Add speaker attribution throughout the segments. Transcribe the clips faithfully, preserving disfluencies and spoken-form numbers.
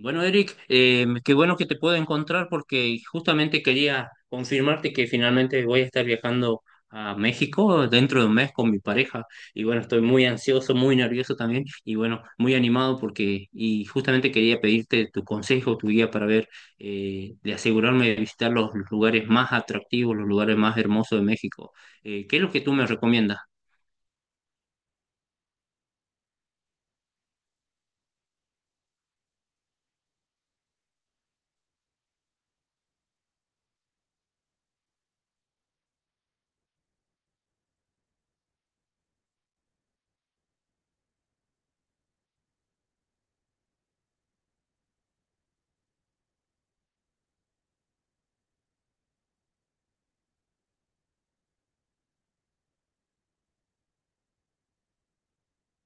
Speaker 1: Bueno, Eric, eh, qué bueno que te puedo encontrar porque justamente quería confirmarte que finalmente voy a estar viajando a México dentro de un mes con mi pareja. Y bueno, estoy muy ansioso, muy nervioso también y bueno, muy animado porque, y justamente quería pedirte tu consejo, tu guía para ver, eh, de asegurarme de visitar los lugares más atractivos, los lugares más hermosos de México. Eh, ¿qué es lo que tú me recomiendas?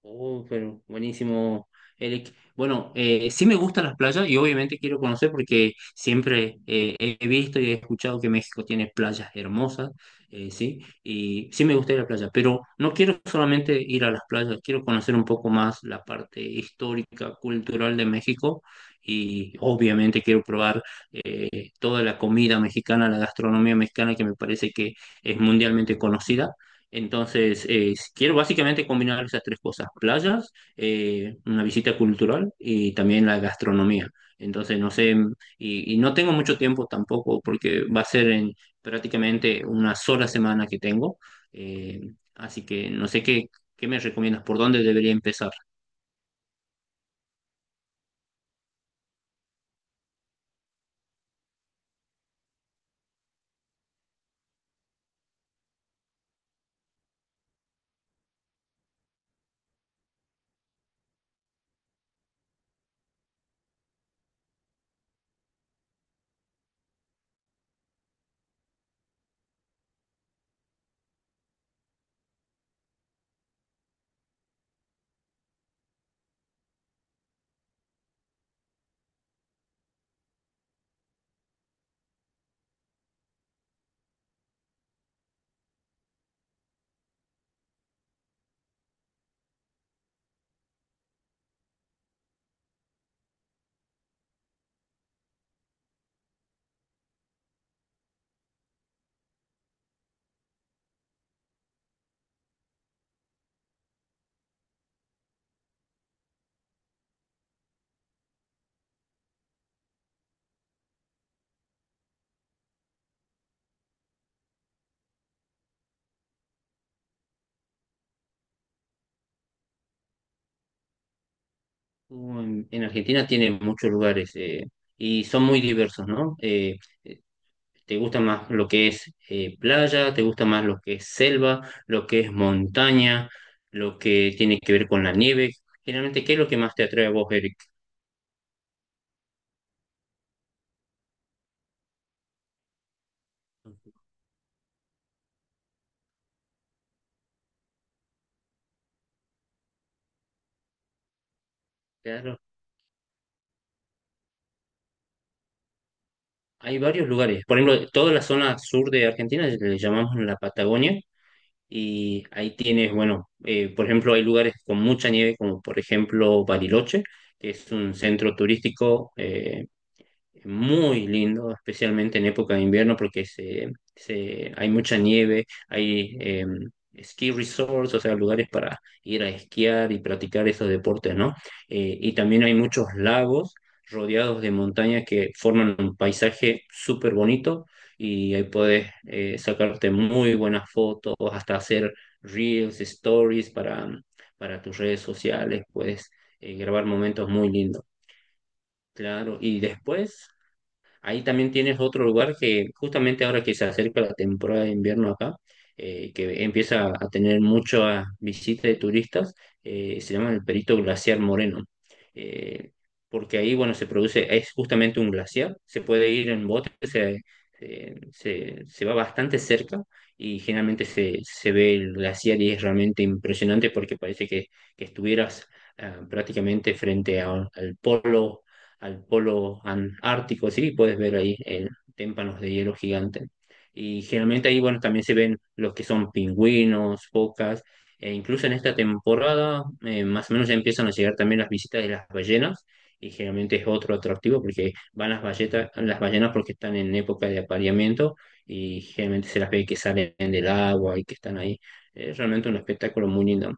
Speaker 1: Oh, pero buenísimo, Eric. Bueno, eh, sí me gustan las playas y obviamente quiero conocer porque siempre eh, he visto y he escuchado que México tiene playas hermosas, eh, sí, y sí me gusta ir a la playa, pero no quiero solamente ir a las playas, quiero conocer un poco más la parte histórica, cultural de México y obviamente quiero probar eh, toda la comida mexicana, la gastronomía mexicana que me parece que es mundialmente conocida. Entonces, eh, quiero básicamente combinar esas tres cosas: playas, eh, una visita cultural y también la gastronomía. Entonces, no sé, y, y no tengo mucho tiempo tampoco porque va a ser en prácticamente una sola semana que tengo. Eh, así que no sé qué, qué me recomiendas, por dónde debería empezar. Uh, En, en Argentina tiene muchos lugares eh, y son muy diversos, ¿no? Eh, ¿Te gusta más lo que es eh, playa? ¿Te gusta más lo que es selva? ¿Lo que es montaña? ¿Lo que tiene que ver con la nieve? Generalmente, ¿qué es lo que más te atrae a vos, Eric? Claro, hay varios lugares. Por ejemplo, toda la zona sur de Argentina le llamamos la Patagonia y ahí tienes, bueno, eh, por ejemplo, hay lugares con mucha nieve, como por ejemplo Bariloche, que es un centro turístico eh, muy lindo, especialmente en época de invierno porque se, se- hay mucha nieve, hay eh, ski resorts, o sea, lugares para ir a esquiar y practicar esos deportes, ¿no? Eh, y también hay muchos lagos rodeados de montañas que forman un paisaje súper bonito y ahí puedes eh, sacarte muy buenas fotos, hasta hacer reels, stories para, para tus redes sociales, puedes eh, grabar momentos muy lindos. Claro, y después ahí también tienes otro lugar que justamente ahora que se acerca la temporada de invierno acá, eh, que empieza a tener muchas visitas de turistas, eh, se llama el Perito Glaciar Moreno. Eh, porque ahí, bueno, se produce, es justamente un glaciar, se puede ir en bote, se, se, se- se va bastante cerca y generalmente se, se ve el glaciar y es realmente impresionante porque parece que, que estuvieras ah, prácticamente frente a- al polo, al polo ártico, ¿sí? Puedes ver ahí eh, témpanos de hielo gigante. Y generalmente ahí, bueno, también se ven los que son pingüinos, focas, e incluso en esta temporada, eh, más o menos ya empiezan a llegar también las visitas de las ballenas, y generalmente es otro atractivo porque van las balletas, las ballenas porque están en época de apareamiento y generalmente se las ve que salen del agua y que están ahí. Es realmente un espectáculo muy lindo.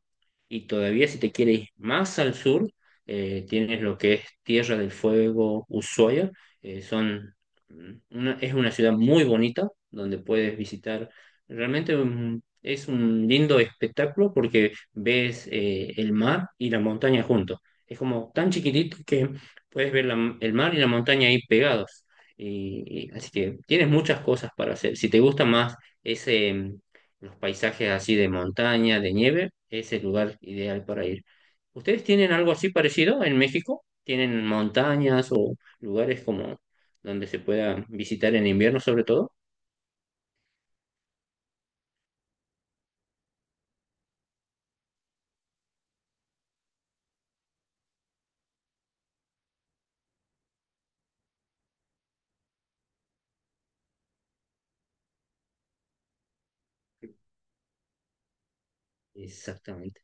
Speaker 1: Y todavía si te quieres ir más al sur, eh, tienes lo que es Tierra del Fuego, Ushuaia, eh, son mm, una- es una ciudad muy bonita donde puedes visitar. Realmente un- es un lindo espectáculo porque ves eh, el mar y la montaña juntos. Es como tan chiquitito que puedes ver la- el mar y la montaña ahí pegados. Y, y- así que tienes muchas cosas para hacer. Si te gusta más ese, mm, los paisajes así de montaña, de nieve, es el lugar ideal para ir. ¿Ustedes tienen algo así parecido en México? ¿Tienen montañas o lugares como donde se pueda visitar en invierno sobre todo? Exactamente.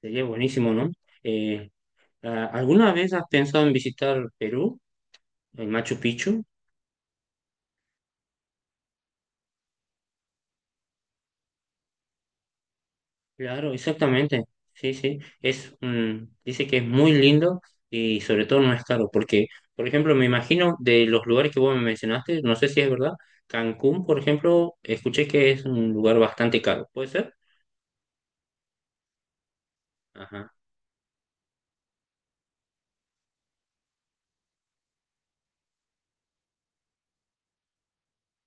Speaker 1: Sería buenísimo, ¿no? Eh, ah, ¿alguna vez has pensado en visitar Perú, en Machu Picchu? Claro, exactamente. Sí, sí. Es un- dice que es muy lindo y sobre todo no es caro, porque, por ejemplo, me imagino de los lugares que vos me mencionaste, no sé si es verdad, Cancún, por ejemplo, escuché que es un lugar bastante caro. ¿Puede ser? Ajá.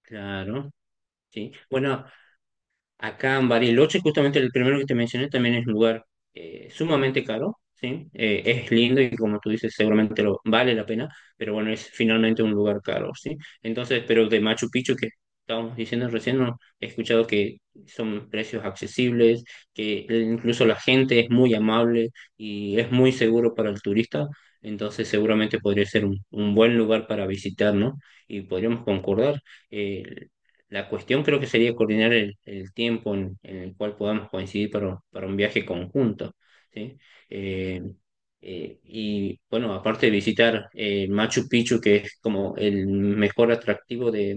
Speaker 1: Claro, sí. Bueno, acá en Bariloche, justamente el primero que te mencioné, también es un lugar eh, sumamente caro, ¿sí? Eh, es lindo y como tú dices, seguramente lo, vale la pena, pero bueno, es finalmente un lugar caro, ¿sí? Entonces, pero de Machu Picchu, que estábamos diciendo recién, no, he escuchado que son precios accesibles, que incluso la gente es muy amable y es muy seguro para el turista, entonces seguramente podría ser un, un buen lugar para visitar, ¿no? Y podríamos concordar. eh, la cuestión creo que sería coordinar el, el tiempo en, en el cual podamos coincidir para, para un viaje conjunto, ¿sí? Eh, eh, y bueno, aparte de visitar eh, Machu Picchu, que es como el mejor atractivo de,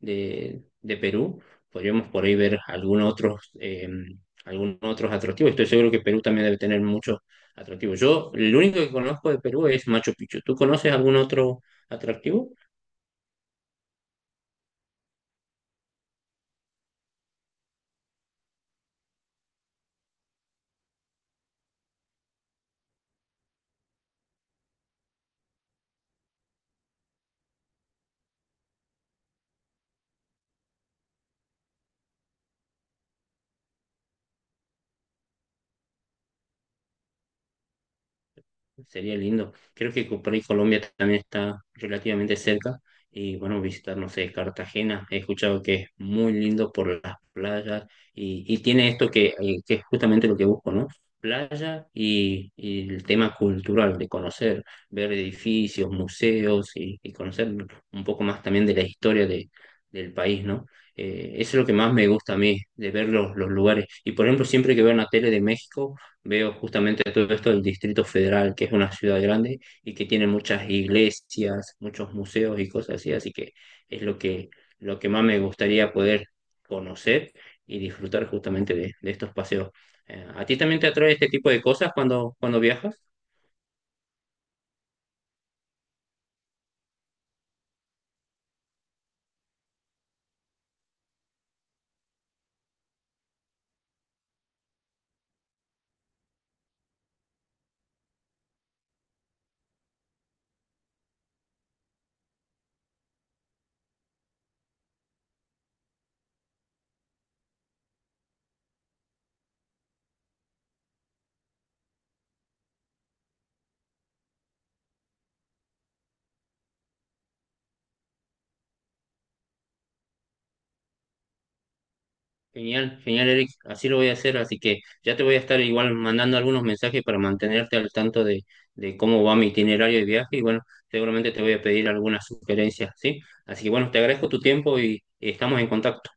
Speaker 1: de, de Perú, podríamos por ahí ver algunos otros, eh, algunos otros atractivos. Estoy seguro que Perú también debe tener muchos atractivos. Yo, el único que conozco de Perú es Machu Picchu. ¿Tú conoces algún otro atractivo? Sería lindo. Creo que por ahí Colombia también está relativamente cerca. Y bueno, visitar, no sé, Cartagena. He escuchado que es muy lindo por las playas. Y, y tiene esto que, eh, que es justamente lo que busco, ¿no? Playa y, y el tema cultural de conocer, ver edificios, museos y, y conocer un poco más también de la historia de, del país, ¿no? Eh, eso es lo que más me gusta a mí, de ver los, los lugares. Y por ejemplo, siempre que veo una tele de México veo justamente todo esto del Distrito Federal, que es una ciudad grande y que tiene muchas iglesias, muchos museos y cosas así, así que es lo que, lo que más me gustaría poder conocer y disfrutar justamente de, de estos paseos. Eh, ¿a ti también te atrae este tipo de cosas cuando, cuando viajas? Genial, genial, Eric. Así lo voy a hacer. Así que ya te voy a estar igual mandando algunos mensajes para mantenerte al tanto de, de cómo va mi itinerario de viaje. Y bueno, seguramente te voy a pedir algunas sugerencias, ¿sí? Así que bueno, te agradezco tu tiempo y y estamos en contacto.